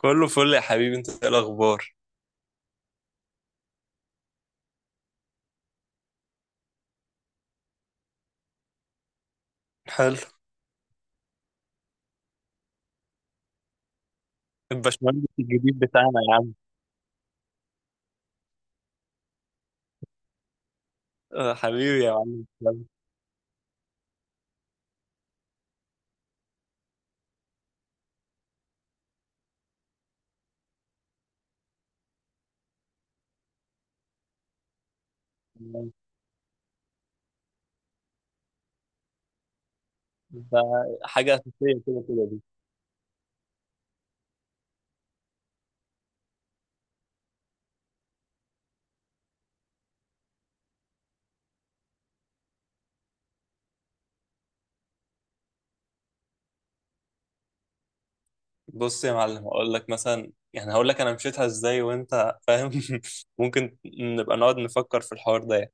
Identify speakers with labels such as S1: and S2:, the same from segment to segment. S1: كله فل يا حبيبي، انت ايه الاخبار؟ حلو. الباشمهندس الجديد بتاعنا يا عم. حبيبي يا معلم تسلم. ده حاجة أساسية كده كده دي. بص يا معلم، هقول لك مثلا يعني هقول لك أنا مشيتها إزاي وأنت فاهم. ممكن نبقى نقعد نفكر في الحوار ده يعني.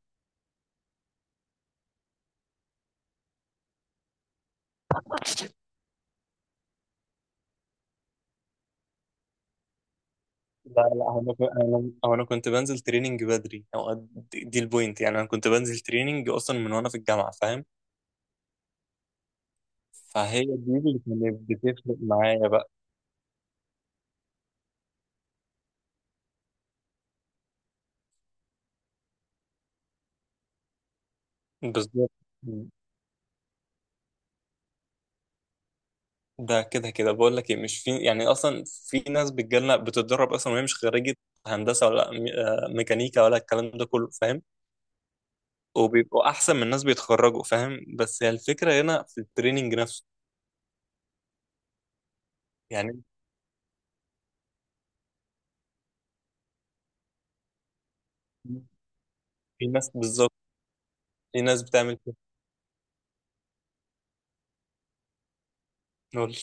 S1: لا لا، هو انا كنت- أنا هو أنا كنت بنزل تريننج بدري. هو دي البوينت، يعني أنا كنت بنزل تريننج أصلا من وأنا في الجامعة، فاهم؟ فهي دي اللي كانت بتفرق معايا بقى. بالظبط. ده كده كده بقول لك ايه، مش في، يعني اصلا في ناس بتجيلنا بتتدرب اصلا وهي مش خريجه هندسه ولا ميكانيكا ولا الكلام ده كله، فاهم؟ وبيبقوا احسن من ناس بيتخرجوا، فاهم؟ بس هي الفكره هنا في التريننج نفسه. يعني في ناس، بالظبط، في ناس بتعمل كده. نقول،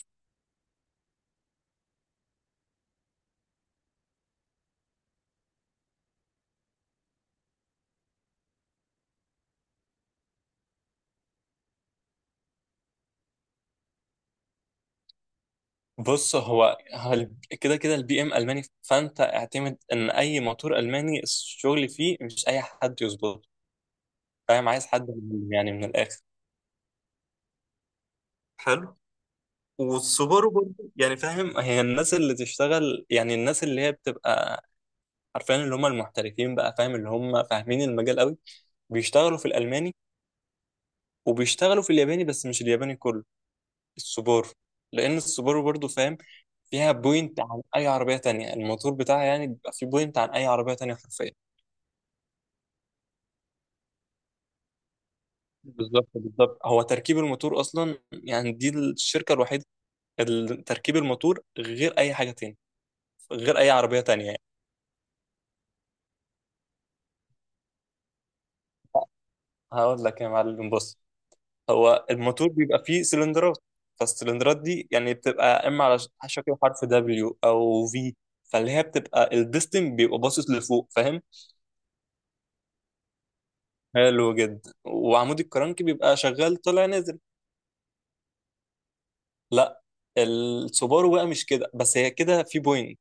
S1: بص هو كده كده البي ام الماني، فانت اعتمد ان اي موتور الماني الشغل فيه مش اي حد يظبطه، فاهم؟ عايز حد يعني من الاخر. حلو. والسوبرو برضه، يعني فاهم، هي الناس اللي تشتغل، يعني الناس اللي هي بتبقى عارفين، اللي هم المحترفين بقى، فاهم؟ اللي هم فاهمين المجال قوي بيشتغلوا في الألماني وبيشتغلوا في الياباني، بس مش الياباني كله، السوبرو. لأن السوبرو برضه فاهم فيها بوينت عن أي عربية تانية، الموتور بتاعها يعني بيبقى فيه بوينت عن أي عربية تانية حرفيا. بالظبط بالظبط. هو تركيب الموتور أصلا، يعني دي الشركة الوحيدة اللي تركيب الموتور غير أي حاجة تانية، غير أي عربية تانية يعني. هقول لك يا معلم، بص، هو الموتور بيبقى فيه سلندرات. فالسلندرات دي يعني بتبقى اما على شكل حرف دبليو او في، فاللي هي بتبقى البستم بيبقى باصص لفوق، فاهم؟ حلو جدا، وعمود الكرنك بيبقى شغال طالع نازل. لا، السوبارو بقى مش كده، بس هي كده في بوينت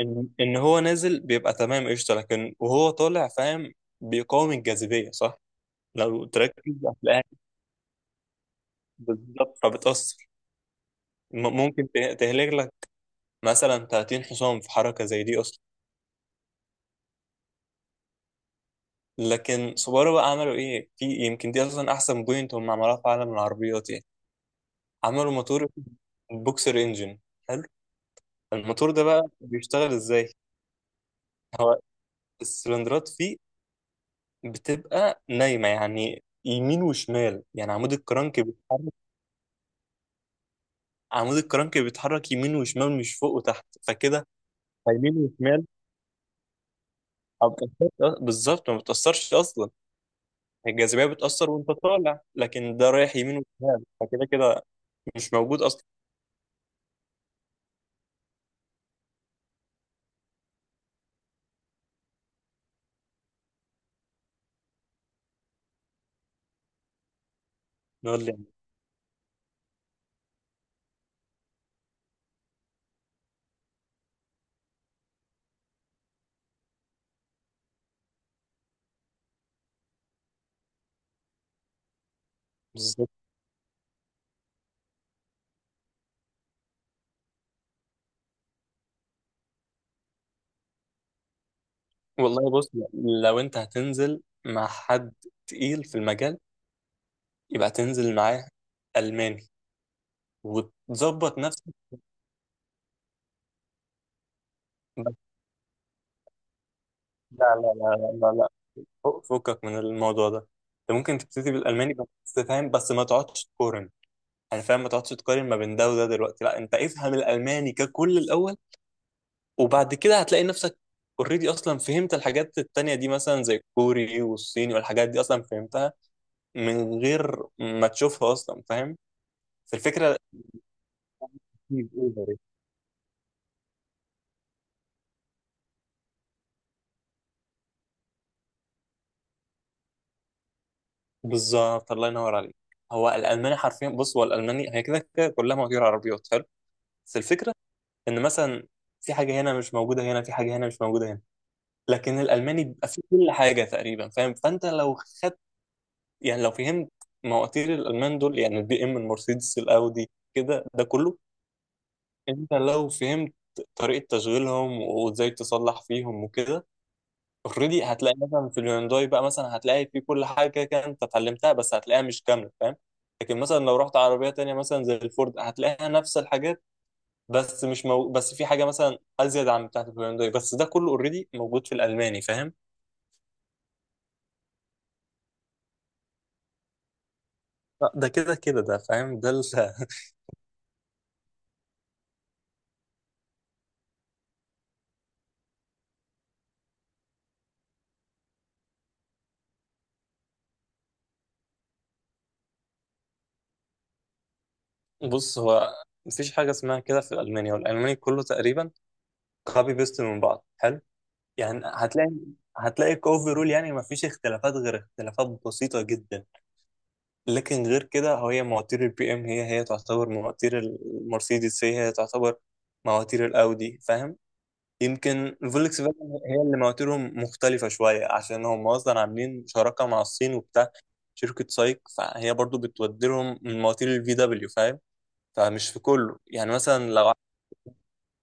S1: ان هو نازل بيبقى تمام قشطه، لكن وهو طالع فاهم بيقاوم الجاذبيه، صح؟ لو تركز هتلاقيها بالظبط، فبتأثر. ممكن تهلك لك مثلا 30 حصان في حركه زي دي اصلا. لكن سوبارو بقى عملوا ايه؟ في يمكن دي اصلا احسن بوينت هم عملوها في عالم العربيات يعني. عملوا موتور بوكسر انجن. حلو. الموتور ده بقى بيشتغل ازاي؟ هو السلندرات فيه بتبقى نايمه، يعني يمين وشمال، يعني عمود الكرنك بيتحرك. عمود الكرنك بيتحرك يمين وشمال مش فوق وتحت، فكده يمين وشمال ما بتأثرش. بالظبط ما بتأثرش اصلا. الجاذبيه بتأثر وانت طالع، لكن ده رايح يمين وشمال، فكده كده مش موجود اصلا. نقول، يعني والله بص، لو انت هتنزل مع حد تقيل في المجال، يبقى تنزل معاه ألماني وتظبط نفسك بس. لا لا لا لا لا لا، فكك من الموضوع ده. انت ممكن تبتدي بالألماني، بس فاهم، بس ما تقعدش تقارن، يعني فاهم ما تقعدش تقارن ما بين ده وده دلوقتي. لا، انت افهم الألماني ككل الأول، وبعد كده هتلاقي نفسك اوريدي اصلا فهمت الحاجات التانية دي، مثلا زي الكوري والصيني، والحاجات دي اصلا فهمتها من غير ما تشوفها اصلا، فاهم؟ فالفكرة، بالظبط، الله ينور عليك. هو الالماني حرفيا، بص، هو الالماني هي كده كده كلها مواتير عربيات. حلو. بس الفكره ان مثلا في حاجه هنا مش موجوده هنا، في حاجه هنا مش موجوده هنا، لكن الالماني بيبقى فيه كل حاجه تقريبا، فاهم؟ فانت لو خدت، يعني لو فهمت مواتير الالمان دول، يعني البي ام، المرسيدس، الاودي كده، ده كله انت لو فهمت طريقه تشغيلهم وازاي تصلح فيهم وكده، اوريدي هتلاقي مثلا في الهيونداي بقى، مثلا هتلاقي في كل حاجه كده كده انت اتعلمتها، بس هتلاقيها مش كامله، فاهم؟ لكن مثلا لو رحت عربيه تانية مثلا زي الفورد، هتلاقيها نفس الحاجات، بس مش مو... بس في حاجه مثلا ازيد عن بتاعه الهيونداي، بس ده كله اوريدي موجود في الالماني، فاهم؟ لا، ده كده كده ده فاهم بص، هو مفيش حاجه اسمها كده في الالماني، والالماني كله تقريبا كوبي بيست من بعض. حلو. يعني هتلاقي، كوفرول يعني مفيش اختلافات غير اختلافات بسيطه جدا. لكن غير كده، هو هي مواتير البي ام هي تعتبر مواتير المرسيدس، هي تعتبر مواتير الاودي، فاهم؟ يمكن الفولكس فاجن هي اللي مواتيرهم مختلفة شوية، عشان هم أصلا عاملين شراكة مع الصين وبتاع، شركة سايك، فهي برضو بتودي لهم من مواتير الفي دبليو، فاهم؟ فمش في كله. يعني مثلا لو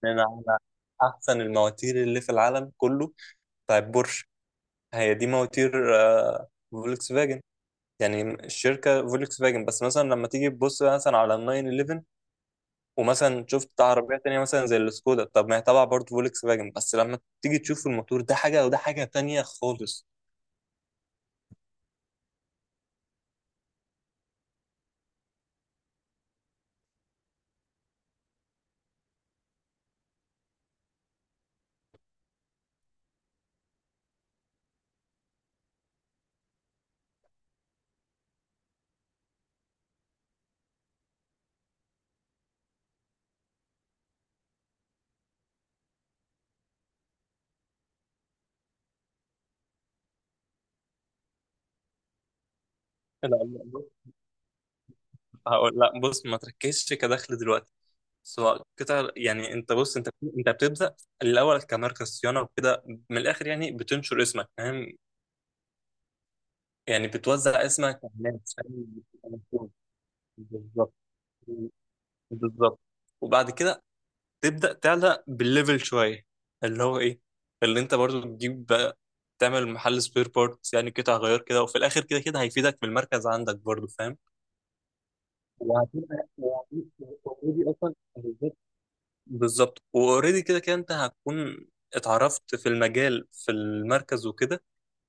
S1: عايزين على أحسن المواتير اللي في العالم كله فبورش، هي دي مواتير فولكس فاجن، يعني الشركه فولكس فاجن. بس مثلا لما تيجي تبص مثلا على ال 911، ومثلا شفت عربيه تانية مثلا زي السكودا، طب ما هي تبع برضه فولكس فاجن، بس لما تيجي تشوف الموتور، ده حاجه وده حاجه تانية خالص. لا لا، بص، هقول لا، بص ما تركزش كدخل دلوقتي، سواء قطع، يعني انت بص، انت بتبدا الاول كماركه صيانه وكده، من الاخر يعني بتنشر اسمك، فاهم؟ يعني بتوزع اسمك على الناس، فاهم؟ بالظبط بالظبط. وبعد كده تبدأ تعلق بالليفل شوية، اللي هو ايه، اللي انت برضو تجيب بقى، تعمل محل سبير بارتس، يعني قطع غيار كده، وفي الاخر كده كده هيفيدك في المركز عندك برضو، فاهم؟ وهتبقى اوريدي اصلا، بالظبط بالظبط. واوريدي كده كده انت هتكون اتعرفت في المجال في المركز وكده.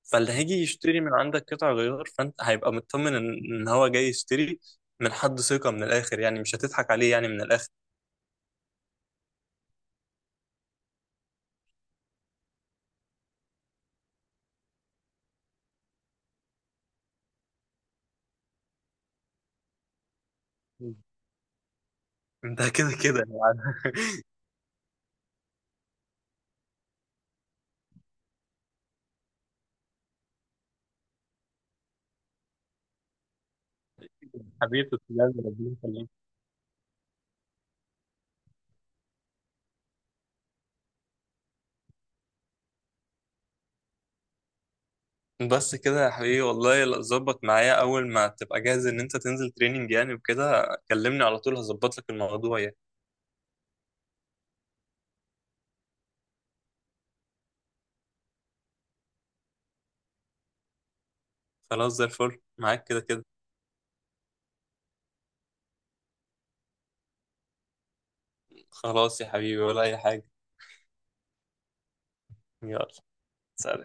S1: فاللي هيجي يشتري من عندك قطع غيار فانت هيبقى مطمن إن هو جاي يشتري من حد ثقة، من الاخر يعني مش هتضحك عليه، يعني من الاخر. ده كده كده يعني. حبيبي تسلم لي، ربنا يخليك. بس كده يا حبيبي، والله لا، ظبط معايا اول ما تبقى جاهز ان انت تنزل تريننج يعني وكده كلمني على طول، هظبط لك الموضوع يعني. خلاص زي الفل معاك كده كده. خلاص يا حبيبي، ولا اي حاجة. يلا. سلام.